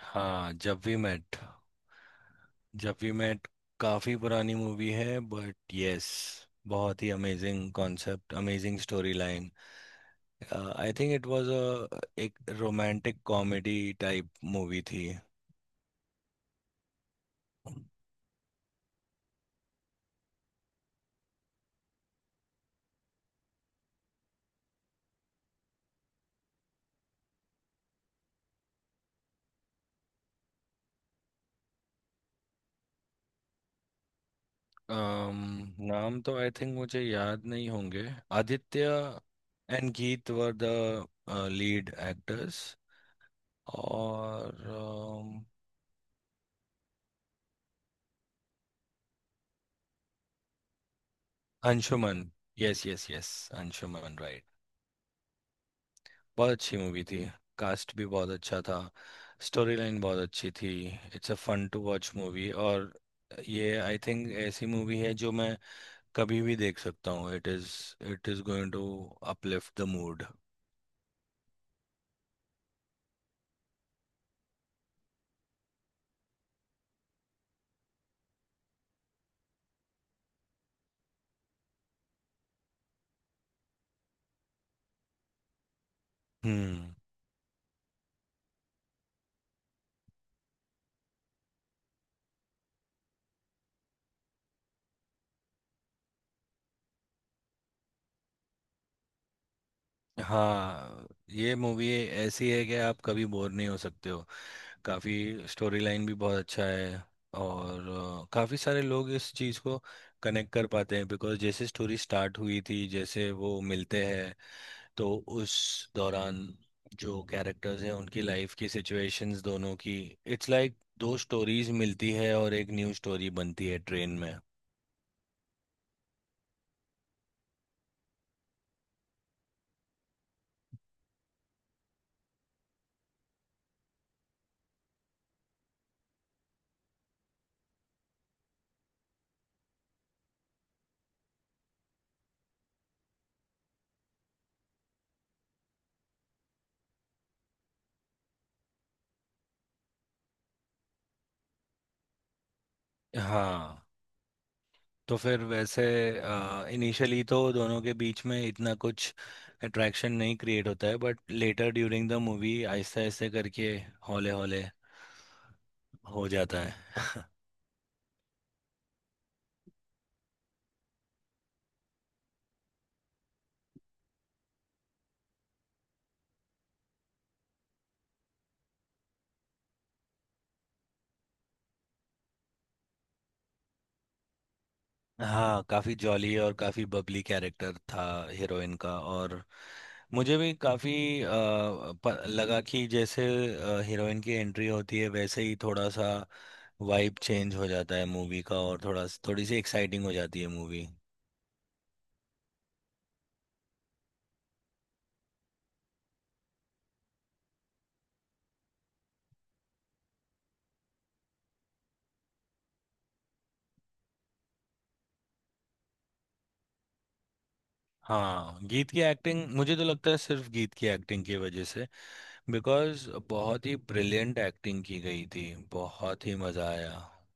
हाँ, Jab We Met. Jab We Met काफी पुरानी मूवी है बट यस। बहुत ही amazing concept, amazing story line. I think it was a एक रोमांटिक कॉमेडी टाइप मूवी थी। um, नाम तो आई थिंक मुझे याद नहीं होंगे। Aditya and Geet were the lead actors. और Anshuman. Yes yes yes, Anshuman right. बहुत अच्छी मूवी थी। कास्ट भी बहुत अच्छा था। स्टोरी लाइन बहुत अच्छी थी। It's a fun to watch movie. और ये आई थिंक ऐसी मूवी है जो मैं कभी भी देख सकता हूँ। It is going to uplift the mood. Hmm. हाँ, ये मूवी ऐसी है कि आप कभी बोर नहीं हो सकते हो। काफ़ी स्टोरी लाइन भी बहुत अच्छा है। और काफ़ी सारे लोग इस चीज़ को कनेक्ट कर पाते हैं, बिकॉज जैसे स्टोरी स्टार्ट हुई थी, जैसे वो मिलते हैं, तो उस दौरान जो कैरेक्टर्स हैं उनकी लाइफ की सिचुएशंस दोनों की। इट्स लाइक दो स्टोरीज मिलती है और एक न्यू स्टोरी बनती है ट्रेन में। हाँ, तो फिर वैसे इनिशियली तो दोनों के बीच में इतना कुछ अट्रैक्शन नहीं क्रिएट होता है, but later during the movie आहिस्ते आहिस्ते करके, हौले हौले हो जाता है। हाँ, काफ़ी जॉली और काफ़ी बबली कैरेक्टर था हीरोइन का। और मुझे भी काफी अ, लगा कि जैसे हीरोइन की एंट्री होती है वैसे ही थोड़ा सा वाइब चेंज हो जाता है मूवी का, और थोड़ा थोड़ी सी एक्साइटिंग हो जाती है मूवी। हाँ, गीत की एक्टिंग, मुझे तो लगता है सिर्फ गीत की एक्टिंग की वजह से, बिकॉज बहुत ही ब्रिलियंट एक्टिंग की गई थी। बहुत ही मजा आया।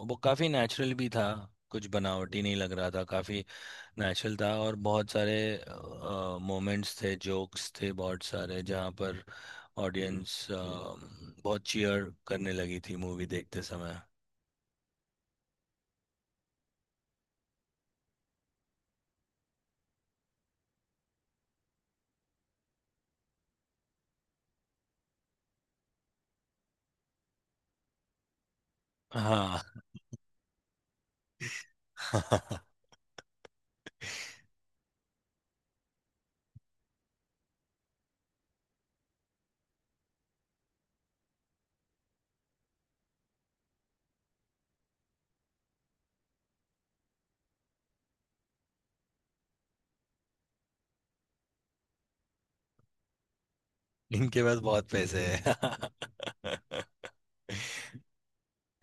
वो काफी नेचुरल भी था, कुछ बनावटी नहीं लग रहा था, काफी नेचुरल था। और बहुत सारे मोमेंट्स थे, जोक्स थे बहुत सारे, जहाँ पर ऑडियंस बहुत चीयर करने लगी थी मूवी देखते समय। हाँ। इनके पास बहुत पैसे हैं।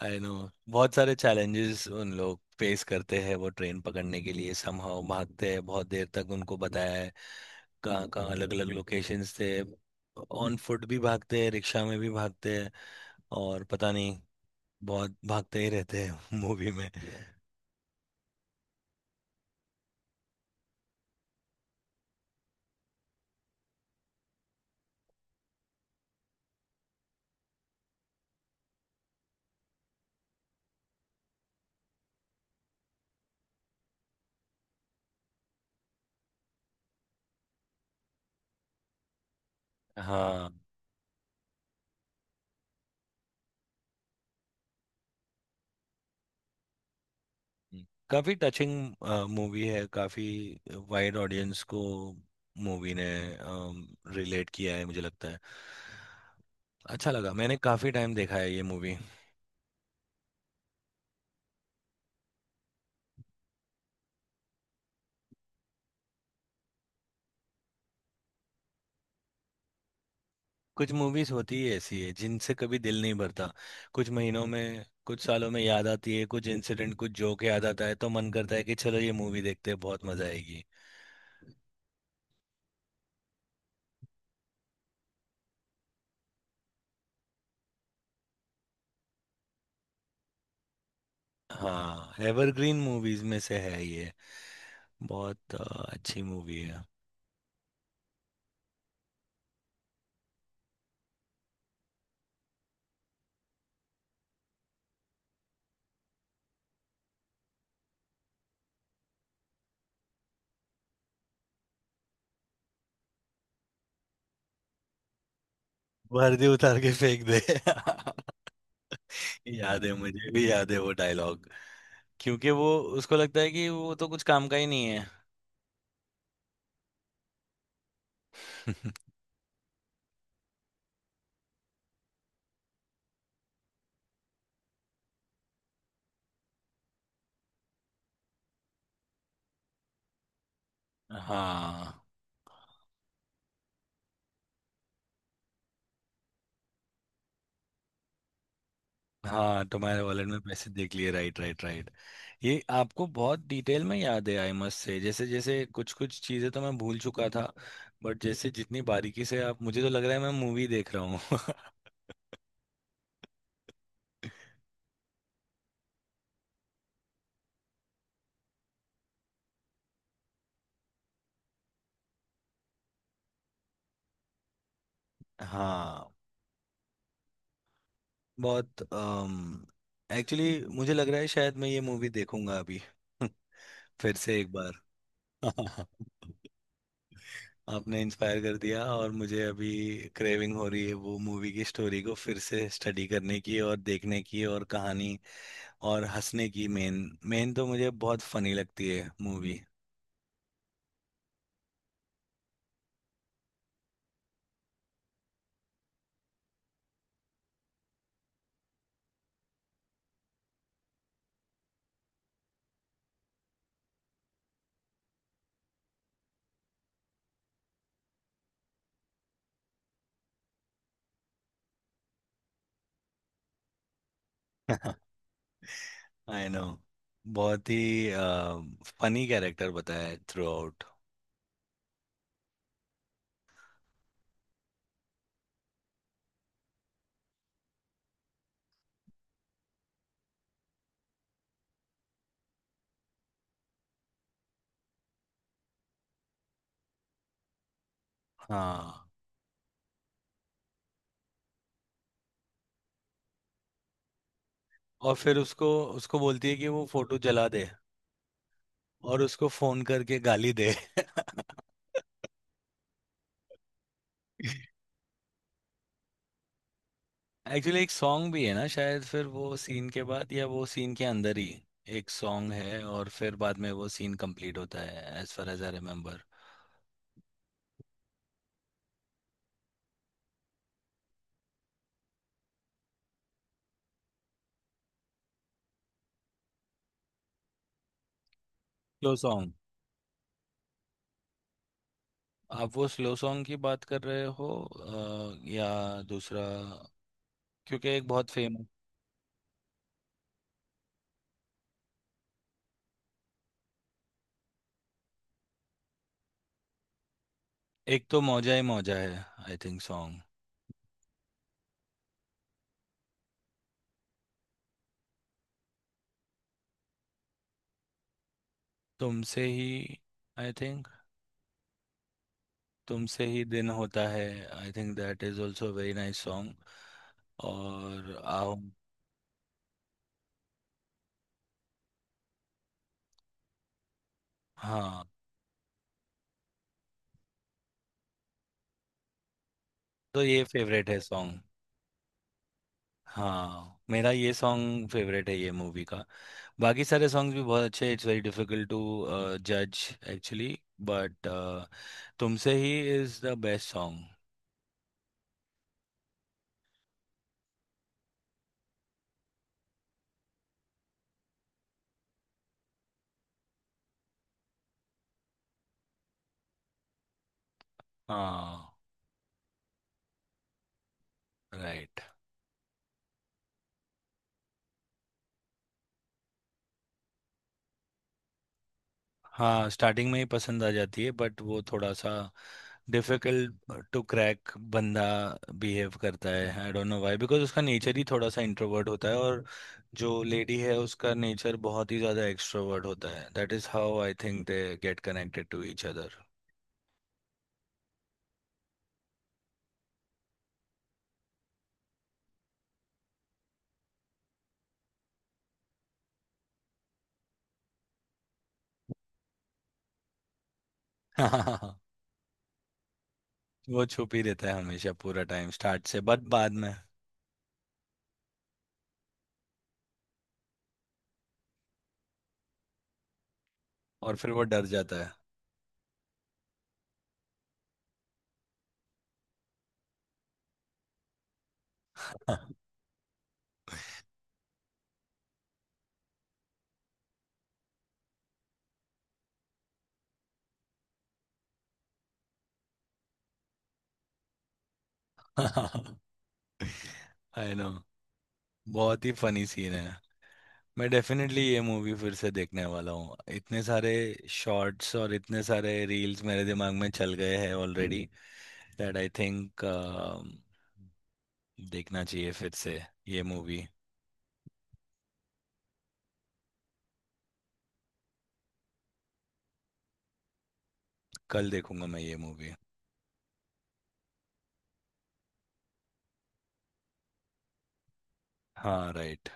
आई नो। बहुत सारे चैलेंजेस उन लोग फेस करते हैं, वो ट्रेन पकड़ने के लिए समहाउ भागते हैं बहुत देर तक, उनको बताया है कहाँ कहाँ अलग अलग लोकेशंस थे। ऑन फुट भी भागते हैं, रिक्शा में भी भागते हैं, और पता नहीं बहुत भागते ही रहते हैं मूवी में। हाँ। हाँ, काफी टचिंग मूवी है। काफी वाइड ऑडियंस को मूवी ने रिलेट किया है मुझे लगता है। अच्छा लगा, मैंने काफी टाइम देखा है ये मूवी। कुछ मूवीज होती है ऐसी है जिनसे कभी दिल नहीं भरता। कुछ महीनों में, कुछ सालों में याद आती है, कुछ इंसिडेंट, कुछ जोक याद आता है, तो मन करता है कि चलो ये मूवी देखते हैं, बहुत मजा आएगी। हाँ, एवरग्रीन मूवीज में से है ये। बहुत अच्छी मूवी है। वर्दी उतार के फेंक दे। याद है, मुझे भी याद है वो डायलॉग। क्योंकि वो, उसको लगता है कि वो तो कुछ काम का ही नहीं है। हाँ। हाँ, तुम्हारे वॉलेट में पैसे देख लिए। Right right right. ये आपको बहुत डिटेल में याद है, आई मस्ट से। जैसे जैसे कुछ कुछ चीजें तो मैं भूल चुका था, बट जैसे जितनी बारीकी से आप, मुझे तो लग रहा है मैं मूवी देख रहा हूँ। हाँ, बहुत। एक्चुअली मुझे लग रहा है शायद मैं ये मूवी देखूंगा अभी, फिर से एक बार। आपने इंस्पायर कर दिया, और मुझे अभी क्रेविंग हो रही है वो मूवी की स्टोरी को फिर से स्टडी करने की और देखने की और कहानी और हंसने की। मेन मेन तो मुझे बहुत फनी लगती है मूवी। I know. बहुत ही फनी कैरेक्टर बताया है थ्रू आउट। हाँ, और फिर उसको, बोलती है कि वो फोटो जला दे, और उसको फोन करके गाली दे। एक्चुअली एक सॉन्ग भी है ना शायद, फिर वो सीन के बाद, या वो सीन के अंदर ही एक सॉन्ग है, और फिर बाद में वो सीन कंप्लीट होता है, as far as I remember. Slow song. आप वो स्लो सॉन्ग की बात कर रहे हो या दूसरा, क्योंकि एक बहुत फेमस एक तो मौजा ही मौजा है, आई थिंक सॉन्ग। तुमसे ही, आई थिंक, तुमसे ही दिन होता है। I think that is also very nice song. और आओ। हाँ, तो ये फेवरेट है सॉन्ग। हाँ, मेरा ये सॉन्ग फेवरेट है ये मूवी का। बाकी सारे सॉन्ग्स भी बहुत अच्छे, इट्स वेरी डिफिकल्ट टू जज एक्चुअली, बट तुमसे ही इज द बेस्ट सॉन्ग। हाँ, राइट। हाँ, स्टार्टिंग में ही पसंद आ जाती है, बट वो थोड़ा सा डिफिकल्ट टू क्रैक बंदा बिहेव करता है, I don't know why, because उसका नेचर ही थोड़ा सा इंट्रोवर्ट होता है, और जो लेडी है उसका नेचर बहुत ही ज़्यादा एक्सट्रोवर्ट होता है, that is how I think they get connected to each other. हाँ, वो छुप ही रहता है हमेशा पूरा टाइम स्टार्ट से, बट बाद में। और फिर वो डर जाता है। आई नो, बहुत ही फनी सीन है। मैं डेफिनेटली ये मूवी फिर से देखने वाला हूँ, इतने सारे शॉर्ट्स और इतने सारे रील्स मेरे दिमाग में चल गए हैं ऑलरेडी, दैट आई थिंक देखना चाहिए फिर से ये मूवी। कल देखूंगा मैं ये मूवी। हाँ, राइट।